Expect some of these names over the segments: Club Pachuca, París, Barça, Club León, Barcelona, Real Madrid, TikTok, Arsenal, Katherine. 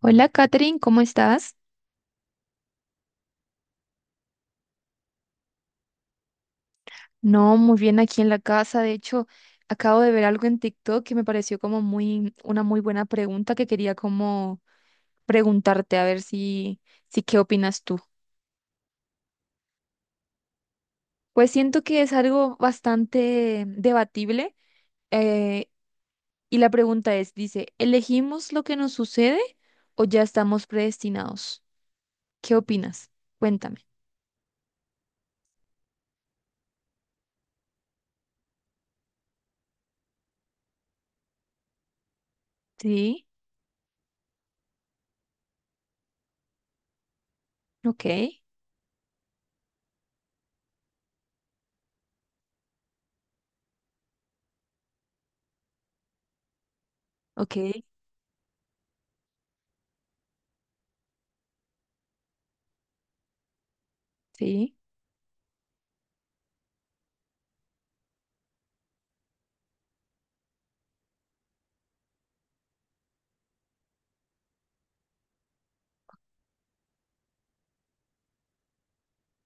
Hola, Katherine, ¿cómo estás? No, muy bien aquí en la casa. De hecho, acabo de ver algo en TikTok que me pareció como una muy buena pregunta que quería como preguntarte a ver si qué opinas tú. Pues siento que es algo bastante debatible eh, y la pregunta es, dice, ¿elegimos lo que nos sucede o ya estamos predestinados? ¿Qué opinas? Cuéntame. Sí, ok, ok, sí,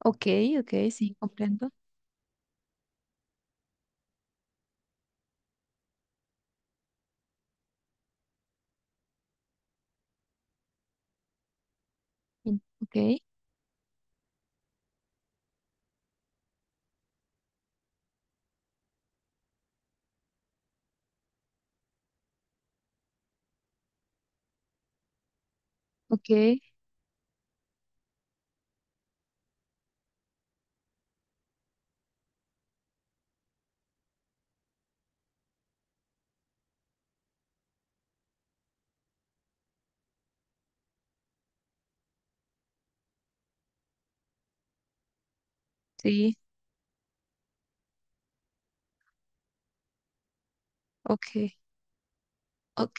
ok, ok, sí, comprendo. Mm. Ok. Ok, sí, ok, ok,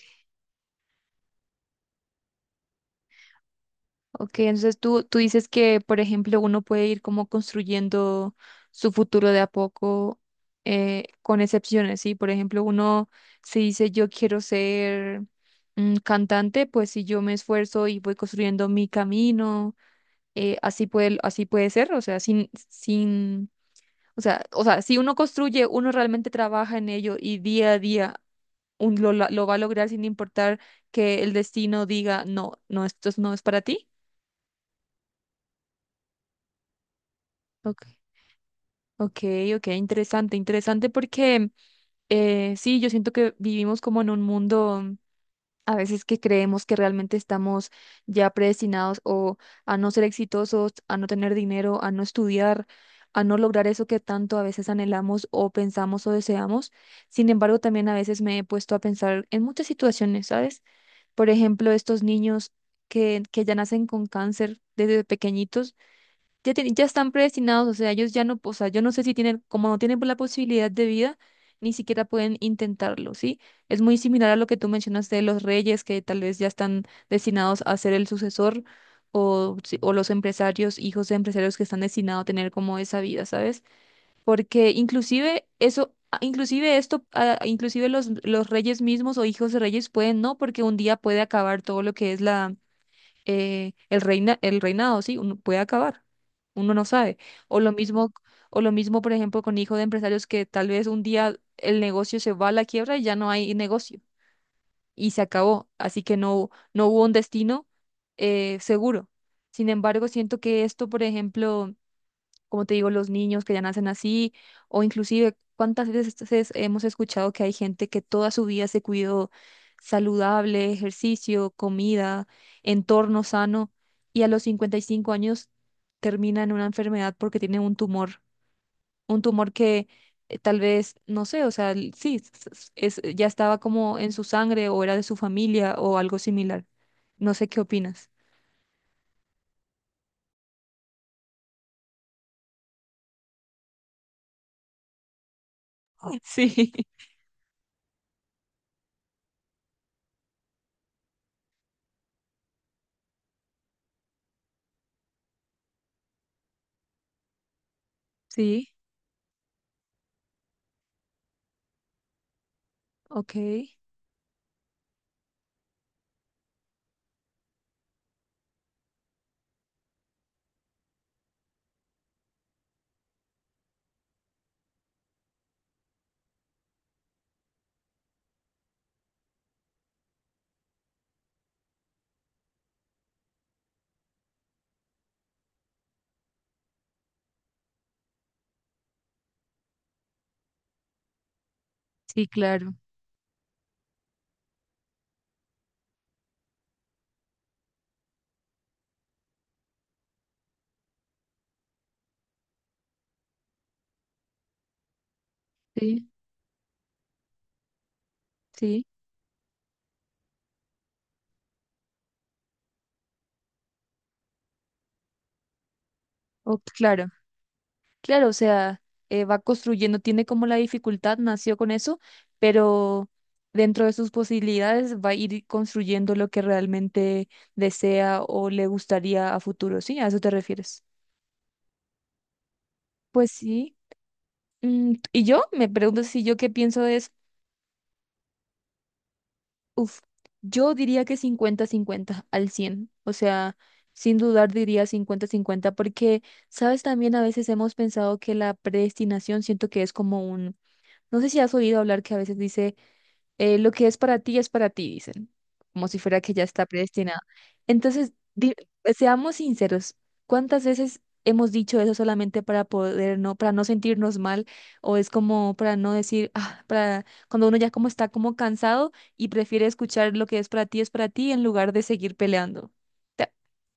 ok. Entonces tú dices que, por ejemplo, uno puede ir como construyendo su futuro de a poco, con excepciones, ¿sí? Por ejemplo, uno se dice yo quiero ser cantante, pues si yo me esfuerzo y voy construyendo mi camino, así puede ser, o sea, sin, sin, o sea, si uno construye, uno realmente trabaja en ello y día a día lo va a lograr sin importar que el destino diga, no, no, esto no es para ti. Ok, ok, ok, interesante, interesante porque sí, yo siento que vivimos como en un mundo a veces que creemos que realmente estamos ya predestinados o a no ser exitosos, a no tener dinero, a no estudiar, a no lograr eso que tanto a veces anhelamos o pensamos o deseamos. Sin embargo, también a veces me he puesto a pensar en muchas situaciones, ¿sabes? Por ejemplo, estos niños que ya nacen con cáncer desde pequeñitos, ya, ya están predestinados, o sea, ellos ya no, o sea, yo no sé si tienen, como no tienen la posibilidad de vida, ni siquiera pueden intentarlo, ¿sí? Es muy similar a lo que tú mencionaste de los reyes, que tal vez ya están destinados a ser el sucesor, o, si- o los empresarios, hijos de empresarios que están destinados a tener como esa vida, ¿sabes? Porque inclusive eso, inclusive esto, inclusive los reyes mismos o hijos de reyes pueden no, porque un día puede acabar todo lo que es la el reinado, sí, uno puede acabar, uno no sabe. O lo mismo, o lo mismo, por ejemplo, con hijo de empresarios que tal vez un día el negocio se va a la quiebra y ya no hay negocio y se acabó, así que no, no hubo un destino seguro. Sin embargo, siento que esto, por ejemplo, como te digo, los niños que ya nacen así, o inclusive cuántas veces hemos escuchado que hay gente que toda su vida se cuidó saludable, ejercicio, comida, entorno sano, y a los 55 años termina en una enfermedad porque tiene un tumor que tal vez, no sé, o sea, sí, es, ya estaba como en su sangre o era de su familia o algo similar. No sé qué opinas. Sí, sí, ok. Sí, claro. Sí, sí. Oh, claro, claro, o sea, va construyendo, tiene como la dificultad, nació con eso, pero dentro de sus posibilidades va a ir construyendo lo que realmente desea o le gustaría a futuro, ¿sí? ¿A eso te refieres? Pues sí. Y yo me pregunto si yo qué pienso es, uff, yo diría que 50/50 al 100, o sea, sin dudar diría 50/50 porque, sabes, también a veces hemos pensado que la predestinación siento que es como. No sé si has oído hablar que a veces dice, lo que es para ti, dicen, como si fuera que ya está predestinado. Entonces, seamos sinceros, ¿cuántas veces hemos dicho eso solamente para poder no, para no sentirnos mal? O es como para no decir, ah, para cuando uno ya como está como cansado y prefiere escuchar lo que es para ti en lugar de seguir peleando. ¿Te-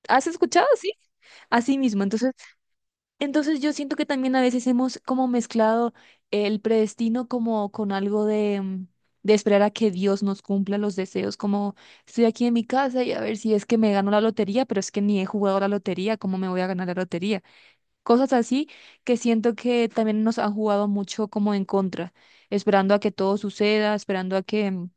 ¿Has escuchado? Sí. Así mismo. Entonces, yo siento que también a veces hemos como mezclado el predestino como con algo de, de esperar a que Dios nos cumpla los deseos, como estoy aquí en mi casa y a ver si es que me gano la lotería, pero es que ni he jugado la lotería, ¿cómo me voy a ganar la lotería? Cosas así que siento que también nos han jugado mucho como en contra, esperando a que todo suceda, esperando a que,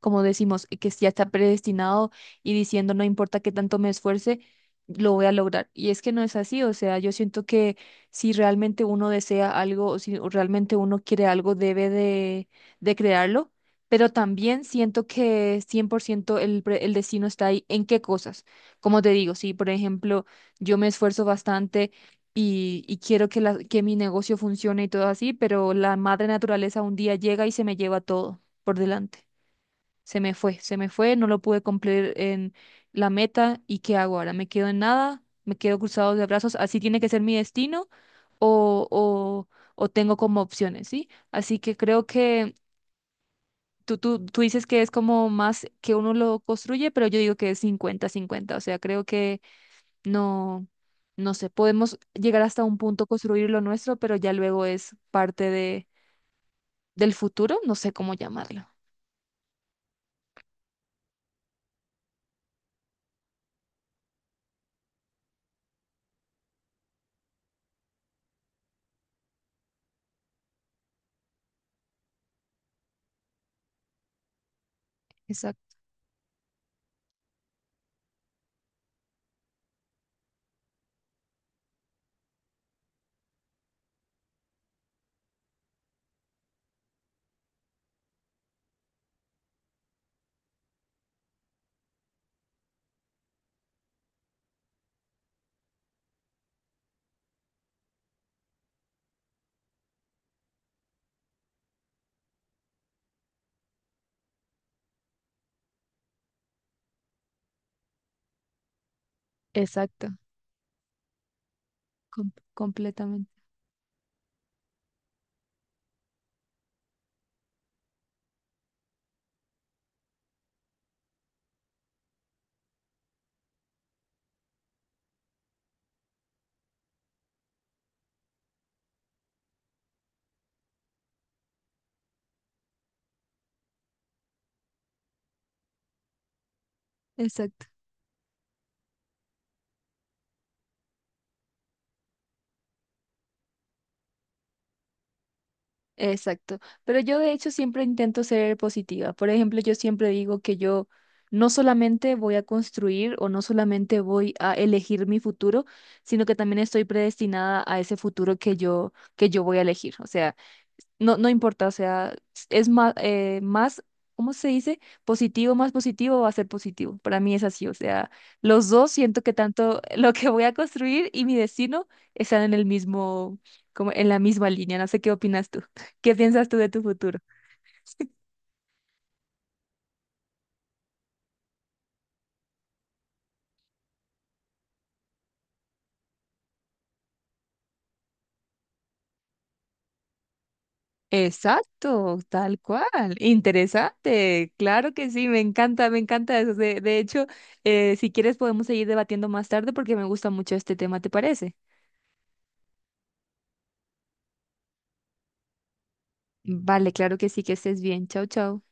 como decimos, que ya está predestinado y diciendo no importa qué tanto me esfuerce, lo voy a lograr. Y es que no es así, o sea, yo siento que si realmente uno desea algo o si realmente uno quiere algo, debe de crearlo, pero también siento que 100% el, el destino está ahí. ¿En qué cosas? Como te digo, si por ejemplo yo me esfuerzo bastante. Y quiero que mi negocio funcione y todo así, pero la madre naturaleza un día llega y se me lleva todo por delante. Se me fue, no lo pude cumplir en la meta y ¿qué hago ahora? ¿Me quedo en nada? ¿Me quedo cruzado de brazos? ¿Así tiene que ser mi destino? ¿O, o tengo como opciones? ¿Sí? Así que creo que tú dices que es como más que uno lo construye, pero yo digo que es 50/50, o sea, creo que no, no sé, podemos llegar hasta un punto, construir lo nuestro, pero ya luego es parte de, del futuro, no sé cómo llamarlo. Exacto. Exacto. Completamente. Exacto, exacto. Pero yo de hecho siempre intento ser positiva. Por ejemplo, yo siempre digo que yo no solamente voy a construir o no solamente voy a elegir mi futuro, sino que también estoy predestinada a ese futuro que yo voy a elegir. O sea, no, no importa, o sea, es más, más, ¿cómo se dice? Positivo, más positivo va a ser positivo. Para mí es así, o sea, los dos siento que tanto lo que voy a construir y mi destino están en el mismo, como en la misma línea. No sé qué opinas tú. ¿Qué piensas tú de tu futuro? Exacto, tal cual. Interesante. Claro que sí, me encanta eso. De hecho, si quieres podemos seguir debatiendo más tarde porque me gusta mucho este tema, ¿te parece? Vale, claro que sí, que estés bien. Chao, chao.